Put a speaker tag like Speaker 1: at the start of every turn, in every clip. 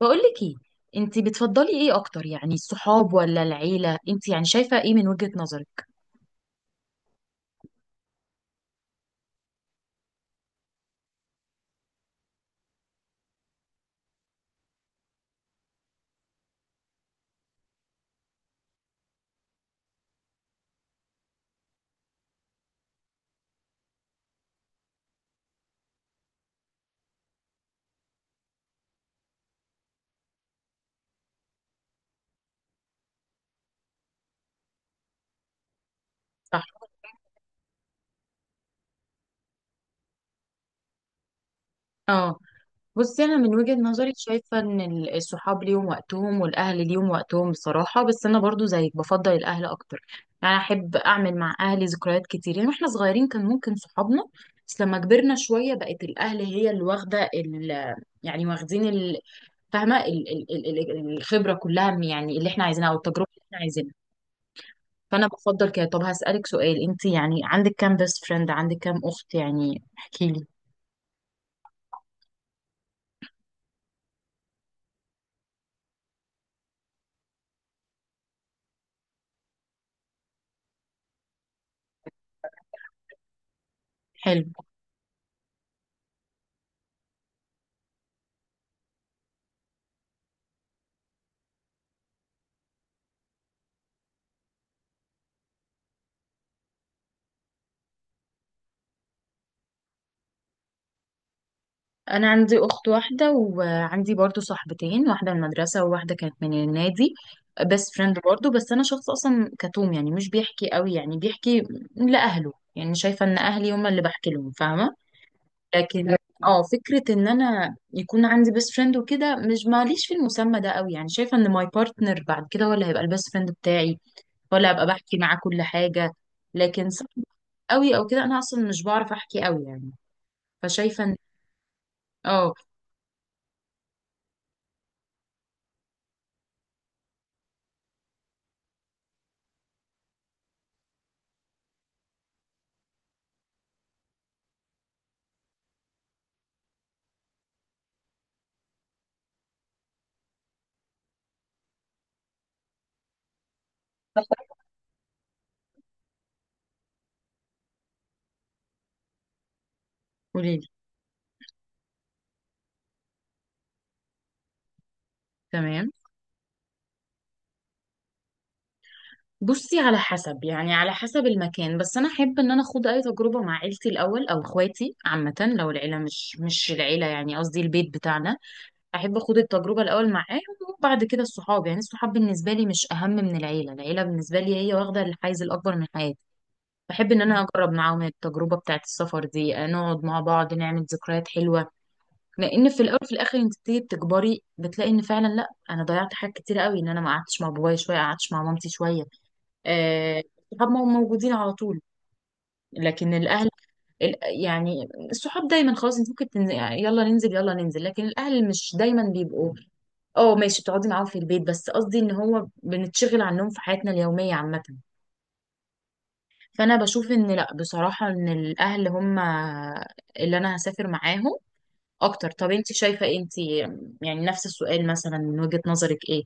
Speaker 1: بقولك ايه؟ انت بتفضلي ايه اكتر، يعني الصحاب ولا العيله؟ انت يعني شايفه ايه من وجهه نظرك؟ صح. اه. بصي انا من وجهه نظري شايفه ان الصحاب ليهم وقتهم والاهل ليهم وقتهم بصراحه. بس انا برضو زيك بفضل الاهل اكتر. يعني احب اعمل مع اهلي ذكريات كتير، يعني واحنا صغيرين كان ممكن صحابنا. بس لما كبرنا شويه بقت الاهل هي اللي واخده ال، يعني واخدين فاهمه الخبره كلها، يعني اللي احنا عايزينها او التجربه اللي احنا عايزينها. فانا بفضل كده. طب هسألك سؤال، انت يعني عندك كام بيست فريند؟ عندك كام اخت؟ يعني احكي لي. حلو. انا عندي اخت واحده، وعندي برضو صاحبتين، واحده من المدرسه وواحده كانت من النادي، بيست فريند برضو. بس انا شخص اصلا كتوم، يعني مش بيحكي قوي، يعني بيحكي لاهله. يعني شايفه ان اهلي هم اللي بحكي لهم، فاهمه؟ لكن اه فكره ان انا يكون عندي بيست فريند وكده مش ماليش في المسمى ده قوي. يعني شايفه ان ماي بارتنر بعد كده هو اللي هيبقى البيست فريند بتاعي، ولا ابقى بحكي معاه كل حاجه. لكن صعب قوي او كده. انا اصلا مش بعرف احكي قوي يعني، فشايفه ان اه. قولي لي. تمام. بصي على حسب، يعني على حسب المكان. بس انا احب ان انا اخوض اي تجربه مع عيلتي الاول او اخواتي عامه. لو العيله، مش العيله يعني قصدي البيت بتاعنا، احب اخوض التجربه الاول معاهم. وبعد كده الصحاب، يعني الصحاب بالنسبه لي مش اهم من العيله. العيله بالنسبه لي هي واخده الحيز الاكبر من حياتي. بحب ان انا اجرب معاهم التجربه بتاعت السفر دي، نقعد مع بعض، نعمل ذكريات حلوه. لان في الاول في الاخر انت بتيجي بتكبري بتلاقي ان فعلا لا، انا ضيعت حاجات كتير قوي، ان انا ما قعدتش مع بابايا شويه، قعدتش مع مامتي شويه. آه. الصحاب ما هم موجودين على طول، لكن الاهل، ال- يعني الصحاب دايما خلاص انت ممكن تنزل، يعني يلا ننزل يلا ننزل، لكن الاهل مش دايما بيبقوا. اه ماشي بتقعدي معاهم في البيت، بس قصدي ان هو بنتشغل عنهم في حياتنا اليوميه عامه. فانا بشوف ان لا، بصراحه ان الاهل هم اللي انا هسافر معاهم اكتر. طب انت شايفه إيه؟ انت يعني نفس السؤال مثلا، من وجهة نظرك ايه؟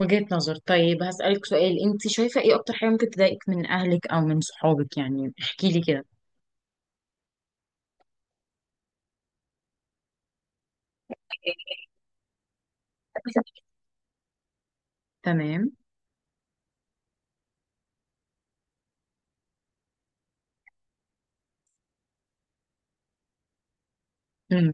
Speaker 1: وجهة نظر. طيب هسألك سؤال، انت شايفة ايه اكتر حاجة ممكن تضايقك من اهلك او من صحابك؟ يعني احكي لي كده. تمام. مم.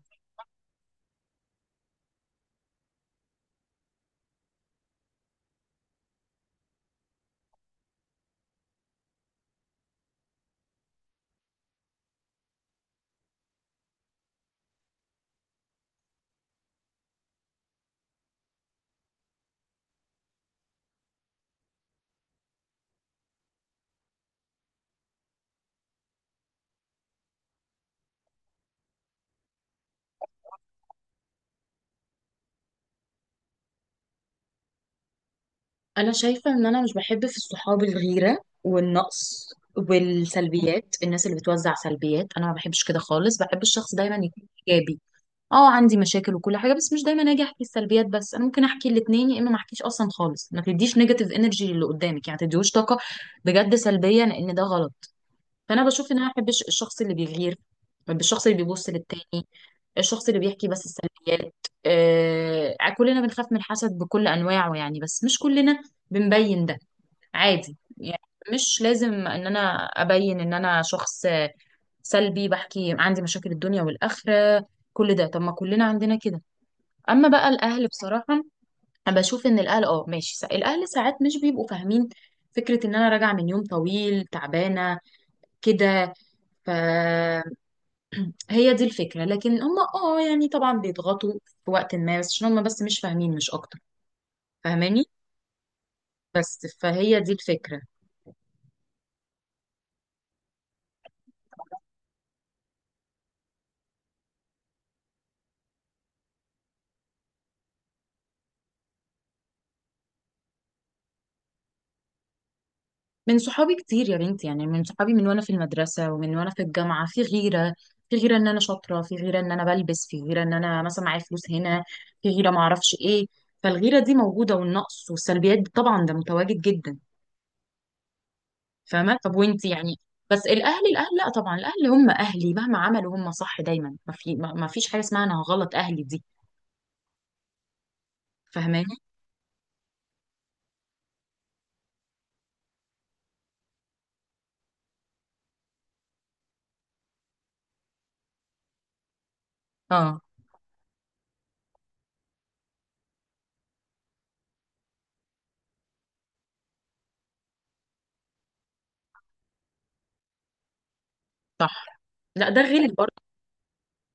Speaker 1: انا شايفة ان انا مش بحب في الصحاب الغيرة والنقص والسلبيات. الناس اللي بتوزع سلبيات انا ما بحبش كده خالص. بحب الشخص دايما يكون ايجابي. اه عندي مشاكل وكل حاجة، بس مش دايما اجي احكي السلبيات. بس انا ممكن احكي الاتنين، يا اما ما احكيش اصلا خالص. ما تديش نيجاتيف انرجي للي قدامك يعني، ما تديهوش طاقة بجد سلبية، لان ده غلط. فانا بشوف ان انا ما بحبش الشخص اللي بيغير. بحب الشخص اللي بيبص للتاني، الشخص اللي بيحكي بس السلبيات. آه كلنا بنخاف من الحسد بكل انواعه يعني، بس مش كلنا بنبين ده، عادي يعني. مش لازم ان انا ابين ان انا شخص سلبي بحكي عندي مشاكل الدنيا والاخره. كل ده، طب ما كلنا عندنا كده. اما بقى الاهل بصراحه، انا بشوف ان الاهل اه ماشي، الاهل ساعات مش بيبقوا فاهمين فكره ان انا راجعه من يوم طويل تعبانه كده، ف. هي دي الفكرة. لكن هم اه يعني طبعا بيضغطوا في وقت ما، بس عشان هم بس مش فاهمين مش اكتر. فاهماني؟ بس فهي دي الفكرة. من صحابي كتير يا بنتي، يعني من صحابي من وانا في المدرسة ومن وانا في الجامعة في غيرة. في غيرة ان انا شاطرة، في غيرة ان انا بلبس، في غيرة ان انا مثلا معايا فلوس هنا، في غيرة ما اعرفش ايه. فالغيرة دي موجودة، والنقص والسلبيات دي طبعا ده متواجد جدا. فاهمة؟ طب وانتي يعني؟ بس الاهل، الاهل لا طبعا، الاهل هم اهلي، مهما عملوا هم صح دايما. ما في، ما فيش حاجة اسمها انا غلط اهلي دي. فاهماني؟ اه صح. لا ده غل برضه.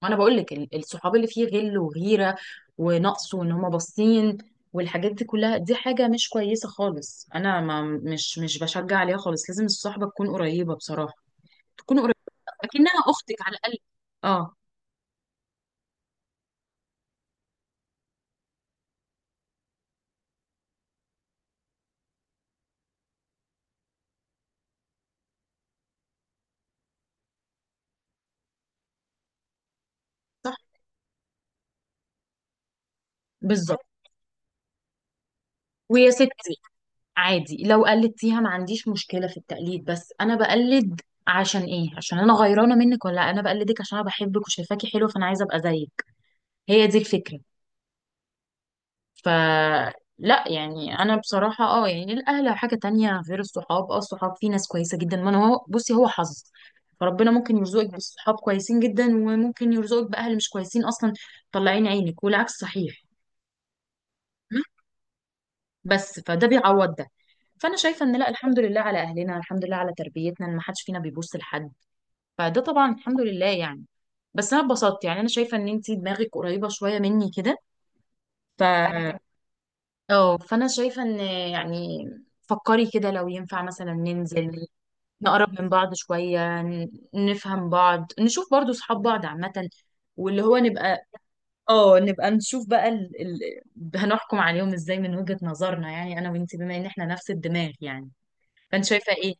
Speaker 1: ما انا بقول لك الصحاب اللي فيه غل وغيره ونقص وان هما باصين والحاجات دي كلها، دي حاجه مش كويسه خالص. انا ما مش مش بشجع عليها خالص. لازم الصحبه تكون قريبه بصراحه، تكون قريبه اكنها اختك على الاقل. اه صح. بالظبط. ويا ستي عادي لو قلدتيها، ما عنديش مشكله في التقليد. بس انا بقلد عشان ايه؟ عشان انا غيرانه منك؟ ولا انا بقلدك عشان انا بحبك وشايفاكي حلوه، فانا عايزه ابقى زيك؟ هي دي الفكره. فلا يعني انا بصراحه اه يعني الاهل حاجه تانية غير الصحاب. اه الصحاب في ناس كويسه جدا، ما أنا هو بصي هو حظ. فربنا ممكن يرزقك بالصحاب كويسين جدا، وممكن يرزقك باهل مش كويسين اصلا، طلعين عينك، والعكس صحيح. بس فده بيعوض ده. فانا شايفه ان لا، الحمد لله على اهلنا، الحمد لله على تربيتنا، ان ما حدش فينا بيبص لحد. فده طبعا الحمد لله يعني. بس انا اتبسطت، يعني انا شايفه ان انتي دماغك قريبه شويه مني كده، ف. اه فانا شايفه ان يعني، فكري كده لو ينفع مثلا ننزل نقرب من بعض شويه، نفهم بعض، نشوف برضو صحاب بعض عامه، واللي هو نبقى اه نبقى نشوف بقى هنحكم عليهم ازاي من وجهه نظرنا يعني انا وانتي، بما ان احنا نفس الدماغ يعني. فانت شايفه ايه؟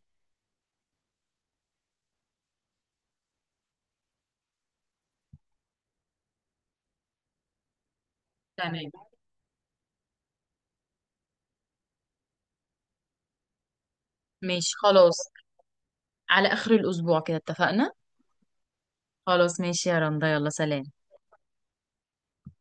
Speaker 1: تمام ماشي خلاص. على اخر الاسبوع كده اتفقنا. خلاص ماشي يا رندا، يلا سلام.